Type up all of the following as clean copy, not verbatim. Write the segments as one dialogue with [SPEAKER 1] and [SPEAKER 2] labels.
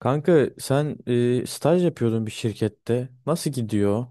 [SPEAKER 1] Kanka sen staj yapıyordun bir şirkette. Nasıl gidiyor?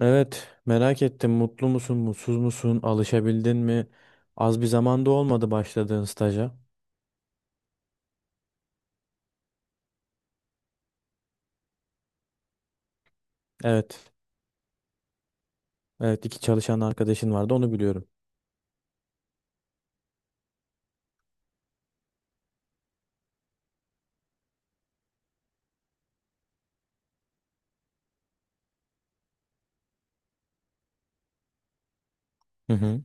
[SPEAKER 1] Evet, merak ettim. Mutlu musun, mutsuz musun? Alışabildin mi? Az bir zamanda olmadı başladığın staja. Evet. Evet, iki çalışan arkadaşın vardı, onu biliyorum. Hı hı.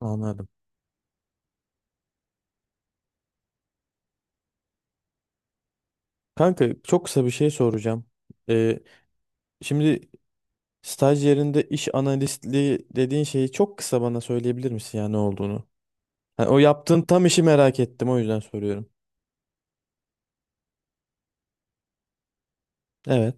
[SPEAKER 1] Anladım. Kanka çok kısa bir şey soracağım. E, Şimdi staj yerinde iş analistliği dediğin şeyi çok kısa bana söyleyebilir misin ya ne olduğunu? Ha, o yaptığın tam işi merak ettim, o yüzden soruyorum. Evet.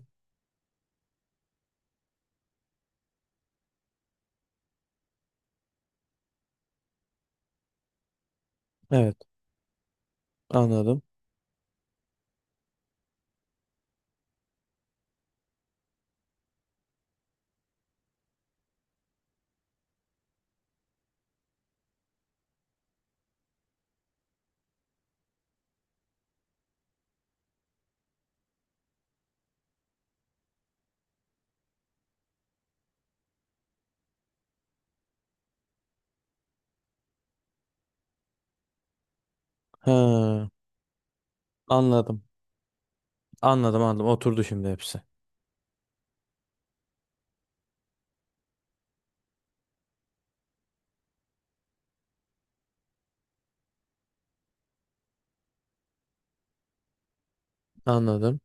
[SPEAKER 1] Evet, anladım. Ha. Anladım. Anladım, anladım. Oturdu şimdi hepsi. Anladım.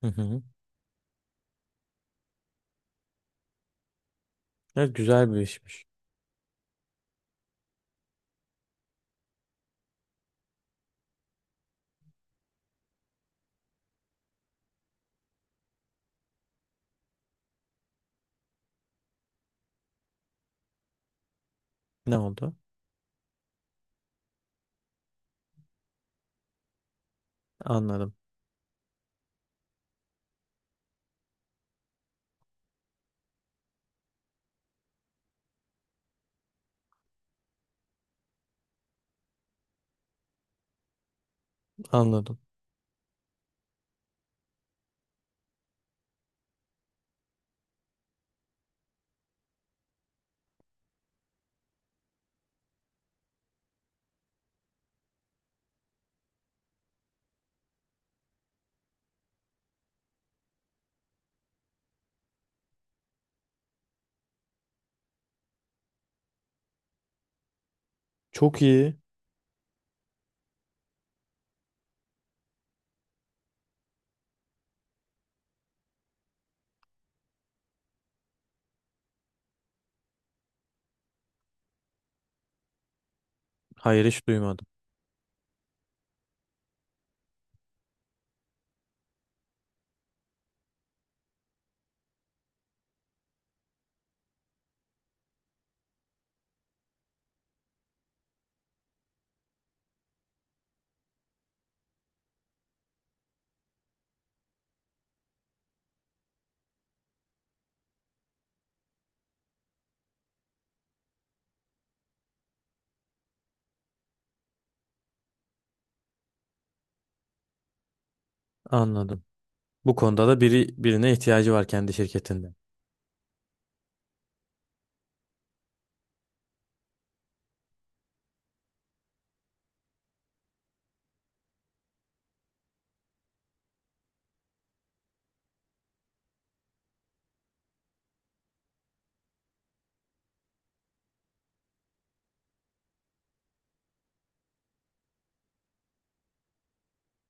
[SPEAKER 1] Hı hı. Evet, güzel bir işmiş. Ne oldu? Anladım. Anladım. Çok iyi. Hayır, hiç duymadım. Anladım. Bu konuda da biri birine ihtiyacı var kendi şirketinde.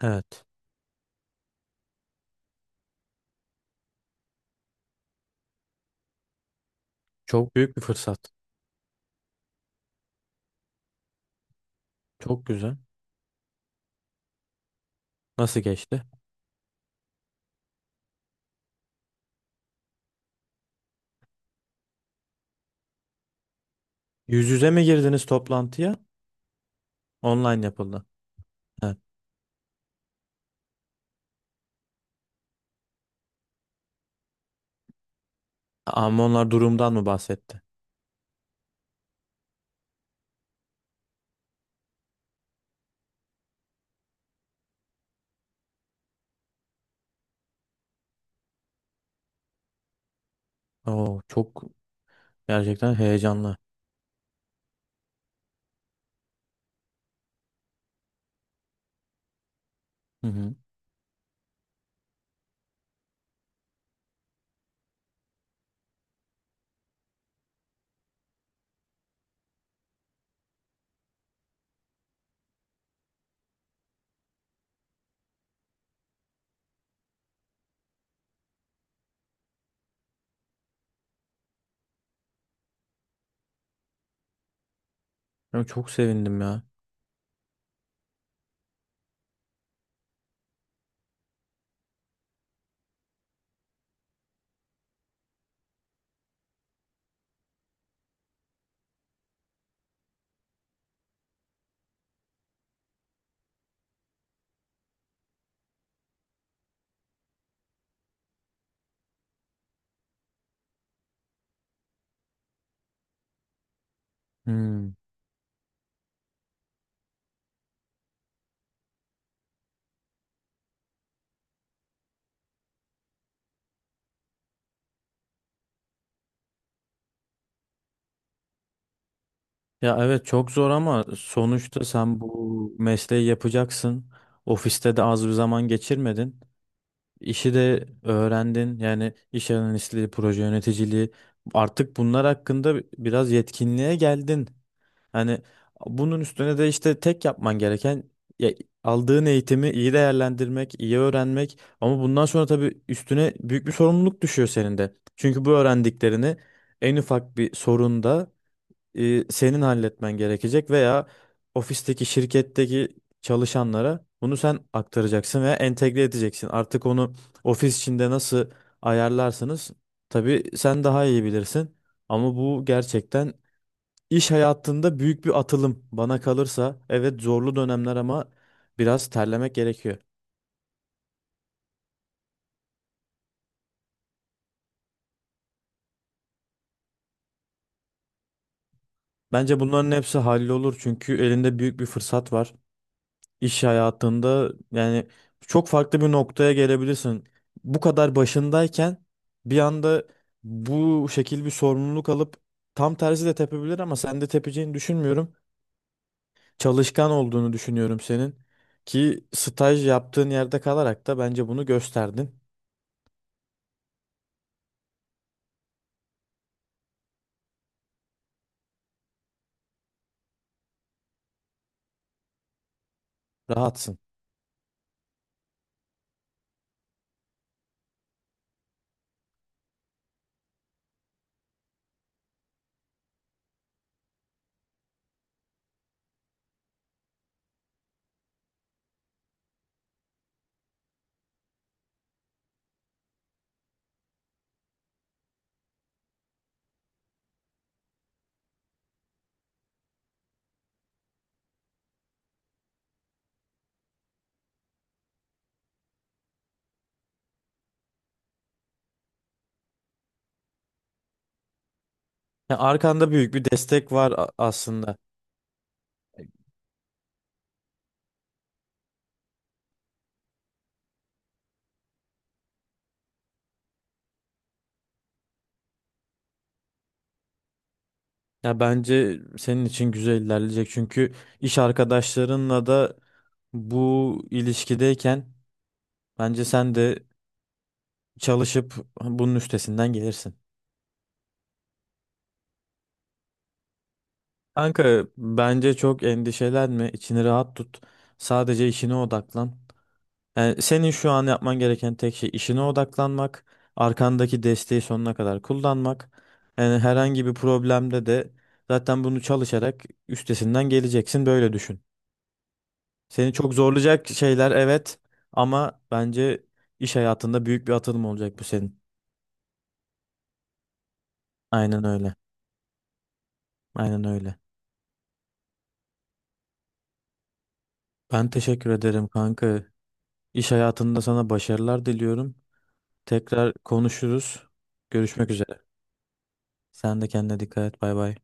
[SPEAKER 1] Evet. Çok büyük bir fırsat. Çok güzel. Nasıl geçti? Yüz yüze mi girdiniz toplantıya? Online yapıldı. Evet. Ama onlar durumdan mı bahsetti? Oo, çok gerçekten heyecanlı. Hı hı. Ya çok sevindim ya. Hmm. Ya evet, çok zor ama sonuçta sen bu mesleği yapacaksın. Ofiste de az bir zaman geçirmedin. İşi de öğrendin. Yani iş analistliği, proje yöneticiliği. Artık bunlar hakkında biraz yetkinliğe geldin. Hani bunun üstüne de işte tek yapman gereken ya, aldığın eğitimi iyi değerlendirmek, iyi öğrenmek. Ama bundan sonra tabii üstüne büyük bir sorumluluk düşüyor senin de. Çünkü bu öğrendiklerini en ufak bir sorunda senin halletmen gerekecek veya ofisteki şirketteki çalışanlara bunu sen aktaracaksın veya entegre edeceksin. Artık onu ofis içinde nasıl ayarlarsınız? Tabii sen daha iyi bilirsin. Ama bu gerçekten iş hayatında büyük bir atılım bana kalırsa. Evet, zorlu dönemler ama biraz terlemek gerekiyor. Bence bunların hepsi hallolur çünkü elinde büyük bir fırsat var. İş hayatında yani çok farklı bir noktaya gelebilirsin. Bu kadar başındayken bir anda bu şekil bir sorumluluk alıp tam tersi de tepebilir ama sen de tepeceğini düşünmüyorum. Çalışkan olduğunu düşünüyorum senin, ki staj yaptığın yerde kalarak da bence bunu gösterdin. Rahatsın. Ya arkanda büyük bir destek var aslında. Ya bence senin için güzel ilerleyecek çünkü iş arkadaşlarınla da bu ilişkideyken bence sen de çalışıp bunun üstesinden gelirsin. Kanka bence çok endişelenme, içini rahat tut. Sadece işine odaklan. Yani senin şu an yapman gereken tek şey işine odaklanmak, arkandaki desteği sonuna kadar kullanmak. Yani herhangi bir problemde de zaten bunu çalışarak üstesinden geleceksin, böyle düşün. Seni çok zorlayacak şeyler evet ama bence iş hayatında büyük bir atılım olacak bu senin. Aynen öyle. Aynen öyle. Ben teşekkür ederim kanka. İş hayatında sana başarılar diliyorum. Tekrar konuşuruz. Görüşmek üzere. Sen de kendine dikkat et. Bay bay.